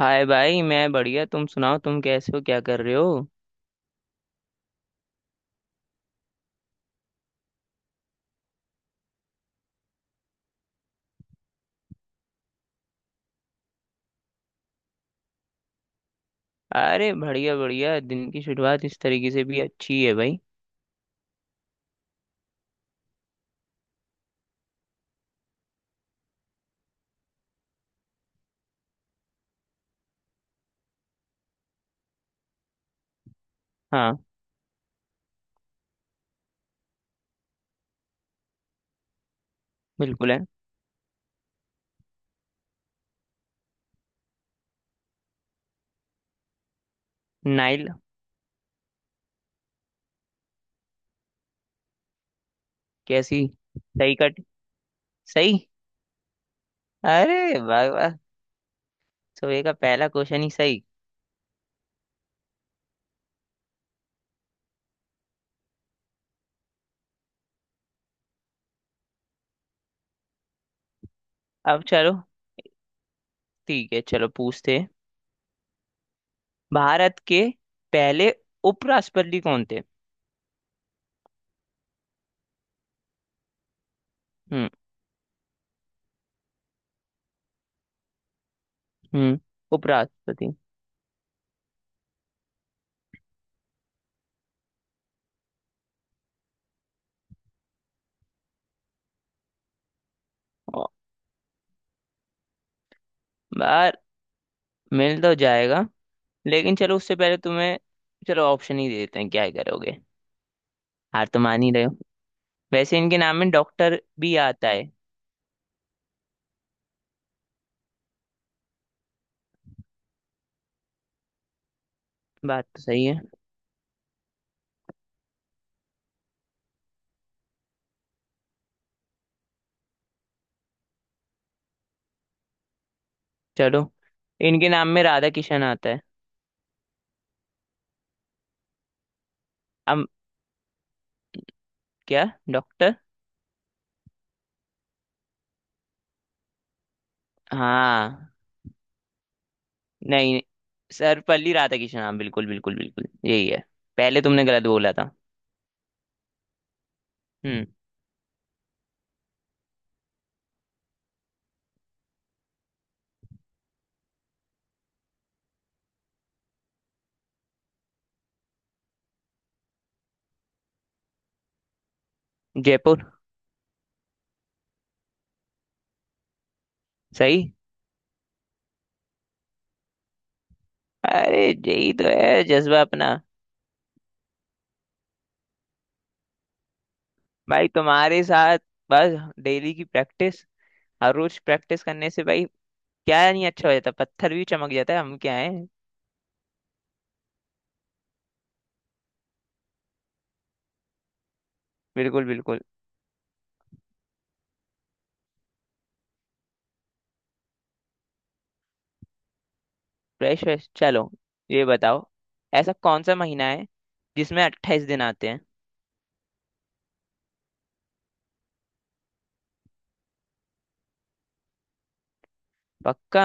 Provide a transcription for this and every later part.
हाय भाई, मैं बढ़िया। तुम सुनाओ, तुम कैसे हो, क्या कर रहे हो? अरे बढ़िया बढ़िया, दिन की शुरुआत इस तरीके से भी अच्छी है भाई। हाँ। बिल्कुल है। नाइल। कैसी? सही कट। सही। अरे वाह वाह। सुबह का पहला क्वेश्चन ही सही। अब चलो। ठीक है, चलो पूछते हैं। भारत के पहले उपराष्ट्रपति कौन थे? हम्म। हम्म। उपराष्ट्रपति। ओ, बार मिल तो जाएगा, लेकिन चलो उससे पहले तुम्हें। चलो, ऑप्शन ही दे देते हैं, क्या ही करोगे। हार तो मान ही रहे हो। वैसे इनके नाम में डॉक्टर भी आता है। बात तो सही है। चलो, इनके नाम में राधा किशन आता है। अब क्या? डॉक्टर? हाँ। नहीं, सर्वपल्ली राधा किशन, हाँ बिल्कुल बिल्कुल बिल्कुल यही है। पहले तुमने गलत बोला था। हम्म। जयपुर। सही। अरे यही तो है जज्बा अपना। भाई तुम्हारे साथ, बस डेली की प्रैक्टिस, हर रोज प्रैक्टिस करने से भाई क्या नहीं अच्छा हो जाता, पत्थर भी चमक जाता है, हम क्या है। बिल्कुल बिल्कुल। फ्रेश फ्रेश चलो। ये बताओ, ऐसा कौन सा महीना है जिसमें अट्ठाईस दिन आते हैं? पक्का?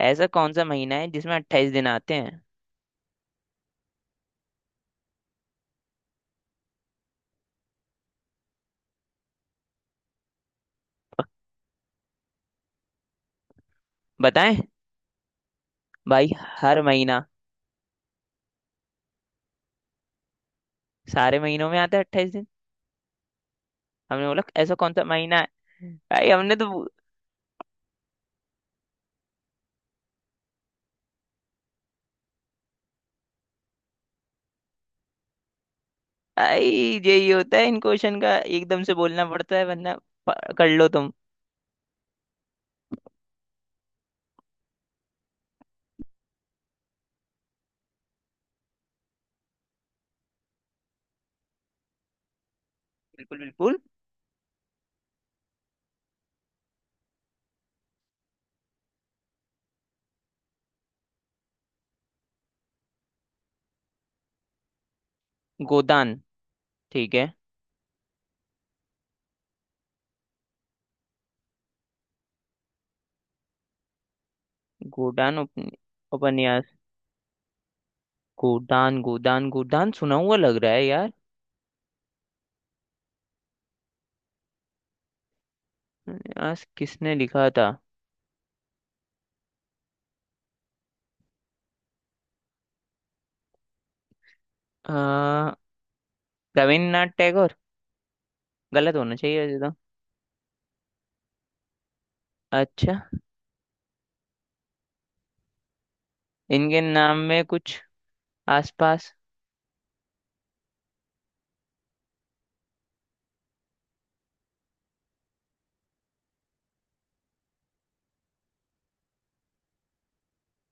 ऐसा कौन सा महीना है जिसमें अट्ठाईस दिन आते हैं? बताएं? भाई, हर महीना, सारे महीनों में आता है अट्ठाईस दिन। हमने बोला ऐसा कौन सा महीना है भाई, हमने तो। भाई यही होता है इन क्वेश्चन का, एकदम से बोलना पड़ता है वरना कर लो तुम। बिल्कुल बिल्कुल। गोदान। ठीक है। गोदान उप, उपन्यास। गोदान गोदान गोदान सुना हुआ लग रहा है यार। आज किसने लिखा था? आ, रविन्द्रनाथ टैगोर। गलत होना चाहिए वैसे तो। अच्छा। इनके नाम में कुछ आसपास।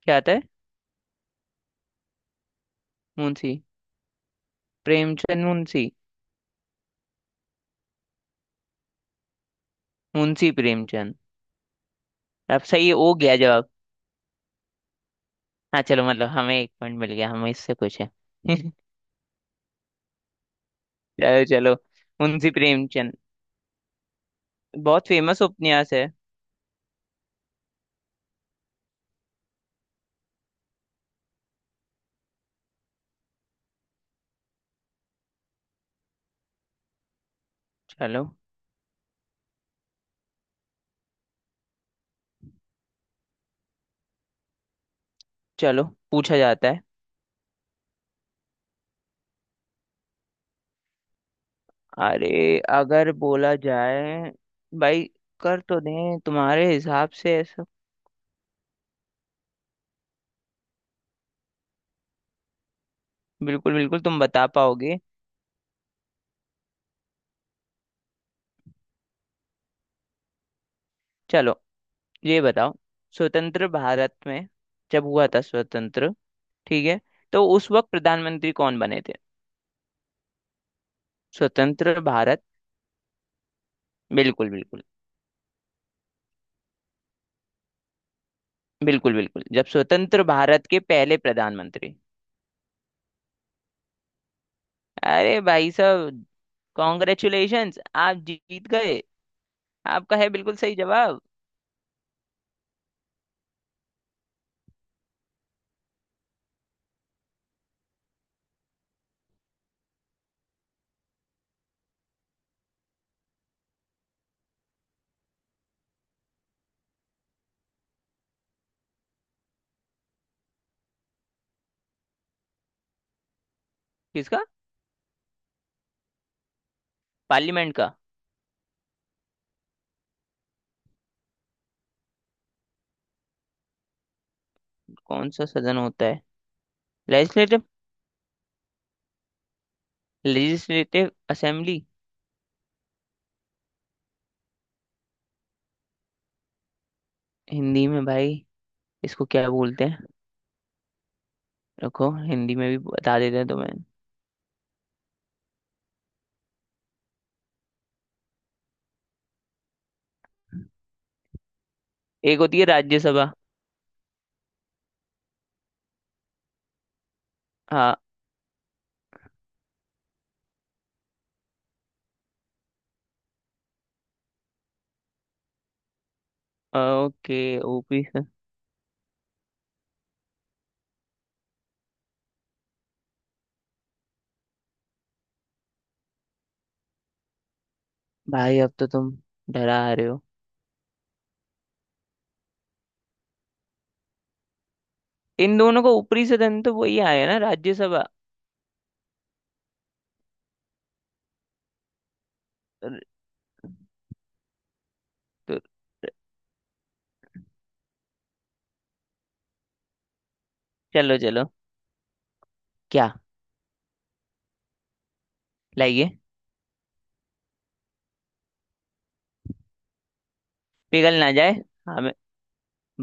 क्या आता है? मुंशी प्रेमचंद। मुंशी? मुंशी प्रेमचंद। अब सही हो गया जवाब। हाँ चलो, मतलब हमें एक पॉइंट मिल गया, हमें इससे कुछ है। चलो चलो। मुंशी प्रेमचंद, बहुत फेमस उपन्यास है। चलो चलो, पूछा जाता है। अरे अगर बोला जाए भाई, कर तो दें तुम्हारे हिसाब से। बिल्कुल बिल्कुल, तुम बता पाओगे। चलो ये बताओ, स्वतंत्र भारत में, जब हुआ था स्वतंत्र, ठीक है, तो उस वक्त प्रधानमंत्री कौन बने थे? स्वतंत्र भारत। बिल्कुल बिल्कुल। बिल्कुल बिल्कुल जब स्वतंत्र भारत के पहले प्रधानमंत्री। अरे भाई साहब, कॉन्ग्रेचुलेशंस, आप जीत गए। आपका है बिल्कुल सही जवाब। किसका? पार्लियामेंट का? कौन सा सदन होता है? लेजिस्लेटिव। Legislative assembly. हिंदी में भाई इसको क्या बोलते हैं? रखो, हिंदी में भी बता देते हैं तुम्हें। एक होती है राज्यसभा। हाँ। ओके ओपी से। भाई अब तो तुम डरा रहे हो। इन दोनों को ऊपरी सदन तो वही आया ना, राज्यसभा। र- तो चलो चलो। क्या? लाइए। पिघल ना जाए हमें।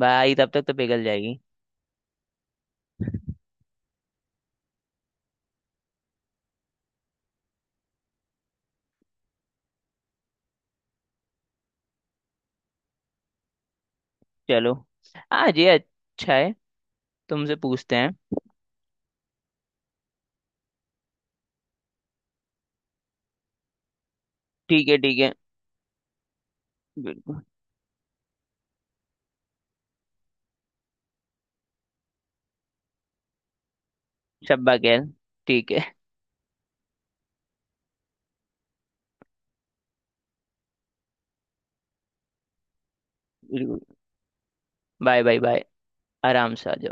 भाई तब तक तो पिघल जाएगी। चलो आज ये अच्छा है, तुमसे पूछते हैं। ठीक है ठीक है। बिल्कुल। शब्बा खैर। ठीक है। बिल्कुल। Bye bye bye. आराम से आ जाओ।